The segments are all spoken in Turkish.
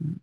Hmm.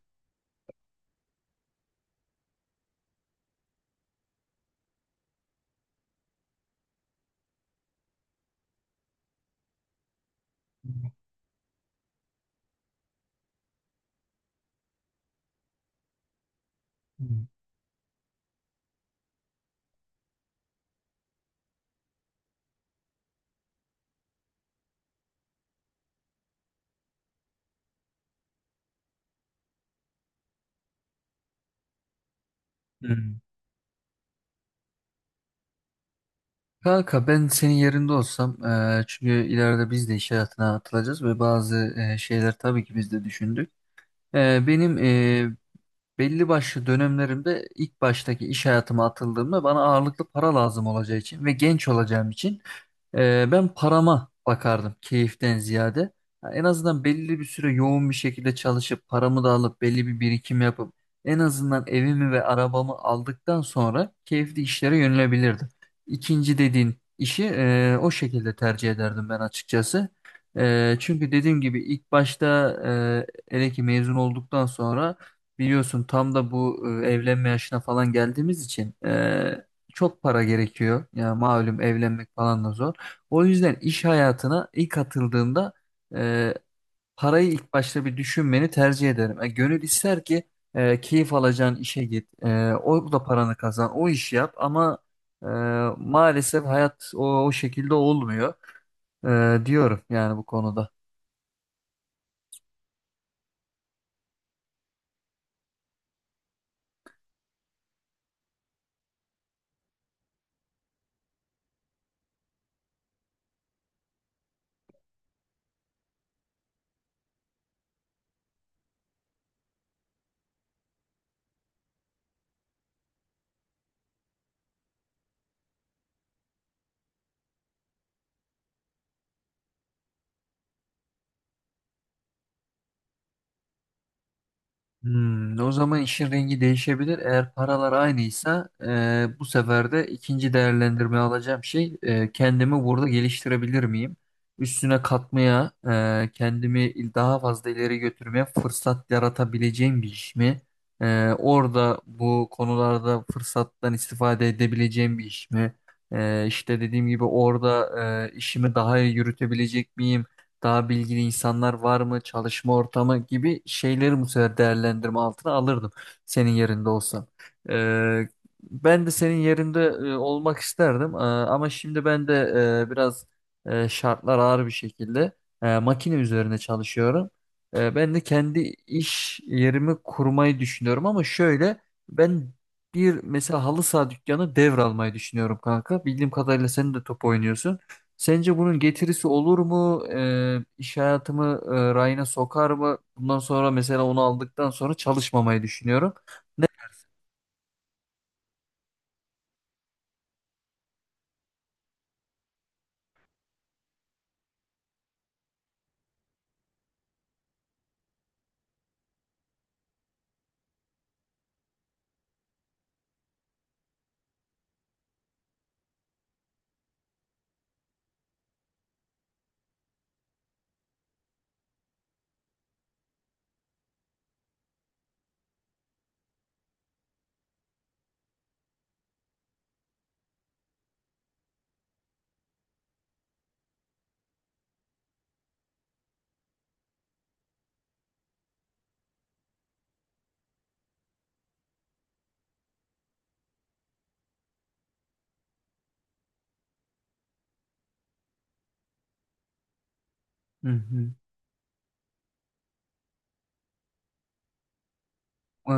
Kanka ben senin yerinde olsam çünkü ileride biz de iş hayatına atılacağız ve bazı şeyler tabii ki biz de düşündük. Benim belli başlı dönemlerimde ilk baştaki iş hayatıma atıldığımda bana ağırlıklı para lazım olacağı için ve genç olacağım için ben parama bakardım keyiften ziyade. Ya en azından belli bir süre yoğun bir şekilde çalışıp paramı da alıp belli bir birikim yapıp en azından evimi ve arabamı aldıktan sonra keyifli işlere yönelebilirdim. İkinci dediğin işi o şekilde tercih ederdim ben açıkçası. Çünkü dediğim gibi ilk başta hele ki mezun olduktan sonra biliyorsun tam da bu evlenme yaşına falan geldiğimiz için, çok para gerekiyor. Ya malum evlenmek falan da zor. O yüzden iş hayatına ilk atıldığında e, parayı ilk başta bir düşünmeni tercih ederim. Gönül ister ki keyif alacağın işe git. E, o da paranı kazan. O işi yap ama e, maalesef hayat o şekilde olmuyor diyorum yani bu konuda. Hmm, o zaman işin rengi değişebilir. Eğer paralar aynıysa bu sefer de ikinci değerlendirme alacağım şey, kendimi burada geliştirebilir miyim? Üstüne katmaya, kendimi daha fazla ileri götürmeye fırsat yaratabileceğim bir iş mi? Orada bu konularda fırsattan istifade edebileceğim bir iş mi? İşte dediğim gibi orada işimi daha iyi yürütebilecek miyim? Daha bilgili insanlar var mı, çalışma ortamı gibi şeyleri bu sefer değerlendirme altına alırdım senin yerinde olsam. Ee, Ben de senin yerinde olmak isterdim. Ama şimdi ben de biraz, şartlar ağır bir şekilde makine üzerine çalışıyorum. Ben de kendi iş yerimi kurmayı düşünüyorum ama şöyle, ben bir mesela halı saha dükkanı devralmayı düşünüyorum kanka. Bildiğim kadarıyla sen de top oynuyorsun. Sence bunun getirisi olur mu? İş hayatımı rayına sokar mı? Bundan sonra mesela onu aldıktan sonra çalışmamayı düşünüyorum. Ne- Hı hı.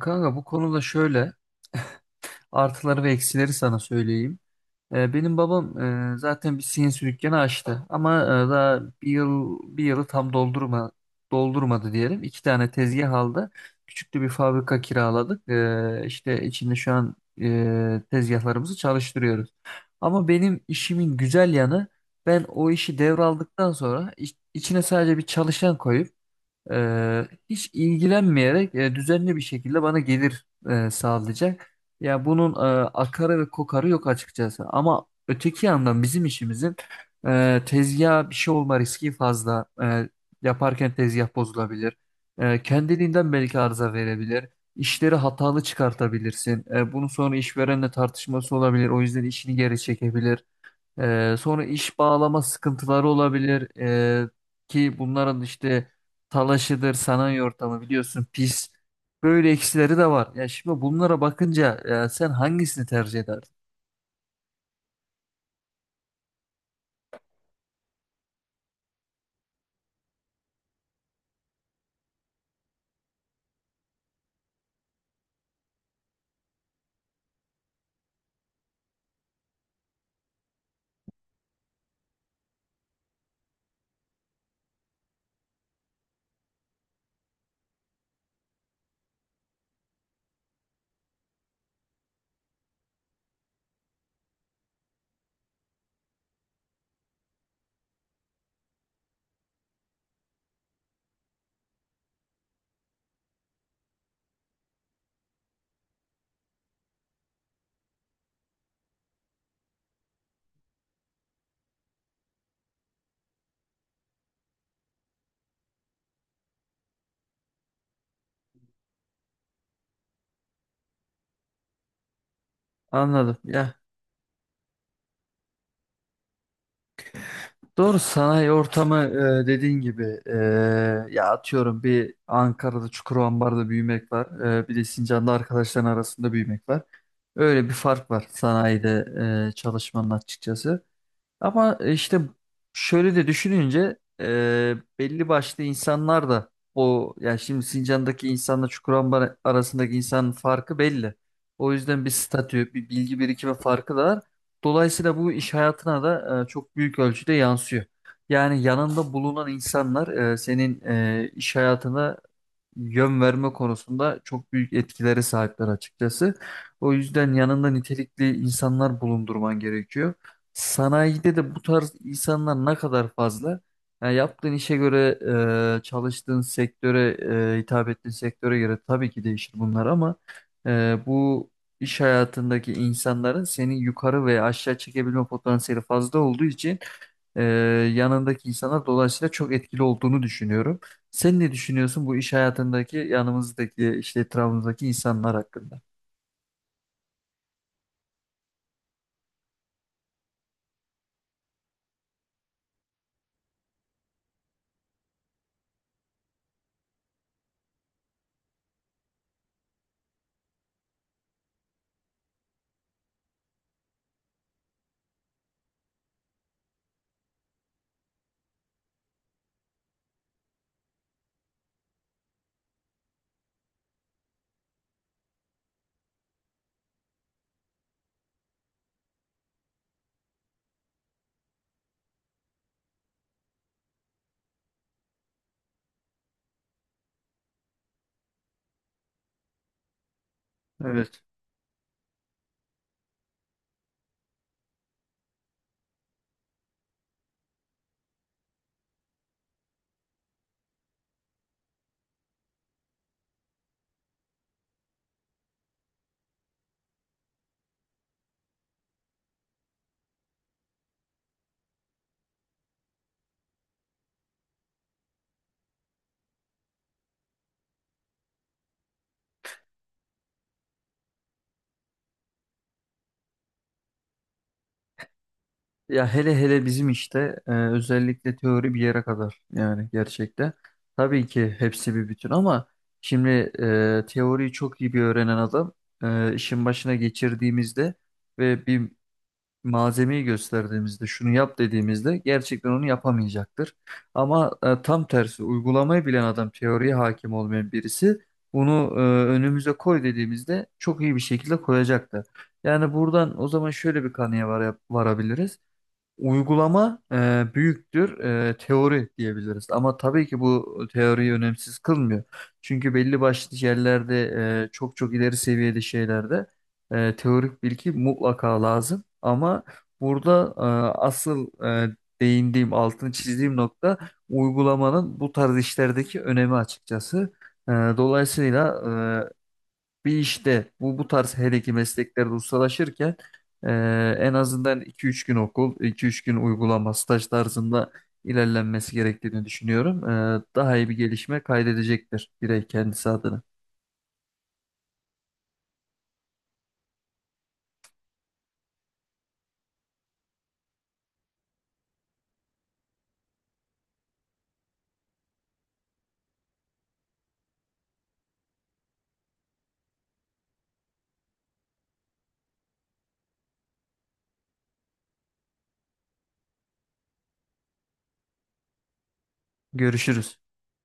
Kanka bu konuda şöyle artıları ve eksileri sana söyleyeyim. Benim babam zaten bir CNC dükkanı açtı ama daha bir yıl, bir yılı tam doldurmadı diyelim. İki tane tezgah aldı. Küçük de bir fabrika kiraladık. İşte içinde şu an tezgahlarımızı çalıştırıyoruz. Ama benim işimin güzel yanı, ben o işi devraldıktan sonra içine sadece bir çalışan koyup hiç ilgilenmeyerek düzenli bir şekilde bana gelir sağlayacak. Ya bunun akarı ve kokarı yok açıkçası. Ama öteki yandan bizim işimizin tezgaha bir şey olma riski fazla. Yaparken tezgah bozulabilir. Kendiliğinden belki arıza verebilir. İşleri hatalı çıkartabilirsin. Bunun sonra işverenle tartışması olabilir. O yüzden işini geri çekebilir. Sonra iş bağlama sıkıntıları olabilir. Ki bunların işte talaşıdır, sanayi ortamı biliyorsun pis. Böyle eksileri de var. Ya şimdi bunlara bakınca ya sen hangisini tercih ederdin? Anladım. Ya doğru, sanayi ortamı dediğin gibi, ya atıyorum bir Ankara'da Çukurova'da büyümek var. E, bir de Sincan'da arkadaşların arasında büyümek var. Öyle bir fark var sanayide çalışmanın açıkçası. Ama işte şöyle de düşününce belli başlı insanlar da o, yani şimdi Sincan'daki insanla Çukurambar arasındaki insanın farkı belli. O yüzden bir statü, bir bilgi birikimi farkı da var. Dolayısıyla bu iş hayatına da çok büyük ölçüde yansıyor. Yani yanında bulunan insanlar, senin iş hayatına yön verme konusunda çok büyük etkilere sahipler açıkçası. O yüzden yanında nitelikli insanlar bulundurman gerekiyor. Sanayide de bu tarz insanlar ne kadar fazla? Yani yaptığın işe göre, çalıştığın sektöre, hitap ettiğin sektöre göre tabii ki değişir bunlar ama bu iş hayatındaki insanların seni yukarı veya aşağı çekebilme potansiyeli fazla olduğu için e, yanındaki insanlar dolayısıyla çok etkili olduğunu düşünüyorum. Sen ne düşünüyorsun bu iş hayatındaki yanımızdaki, işte etrafımızdaki insanlar hakkında? Evet. Ya hele hele bizim işte özellikle teori bir yere kadar yani gerçekten. Tabii ki hepsi bir bütün ama şimdi teoriyi çok iyi bir öğrenen adam işin başına geçirdiğimizde ve bir malzemeyi gösterdiğimizde şunu yap dediğimizde gerçekten onu yapamayacaktır. Ama tam tersi uygulamayı bilen adam, teoriye hakim olmayan birisi, bunu e, önümüze koy dediğimizde çok iyi bir şekilde koyacaktır. Yani buradan o zaman şöyle bir kanıya varabiliriz. Uygulama büyüktür teori diyebiliriz. Ama tabii ki bu teoriyi önemsiz kılmıyor. Çünkü belli başlı yerlerde çok çok ileri seviyede şeylerde teorik bilgi mutlaka lazım. Ama burada asıl değindiğim, altını çizdiğim nokta, uygulamanın bu tarz işlerdeki önemi açıkçası. Dolayısıyla bir işte bu tarz, hele ki mesleklerde ustalaşırken e, en azından 2-3 gün okul, 2-3 gün uygulama, staj tarzında ilerlenmesi gerektiğini düşünüyorum. E, daha iyi bir gelişme kaydedecektir birey kendisi adına. Görüşürüz.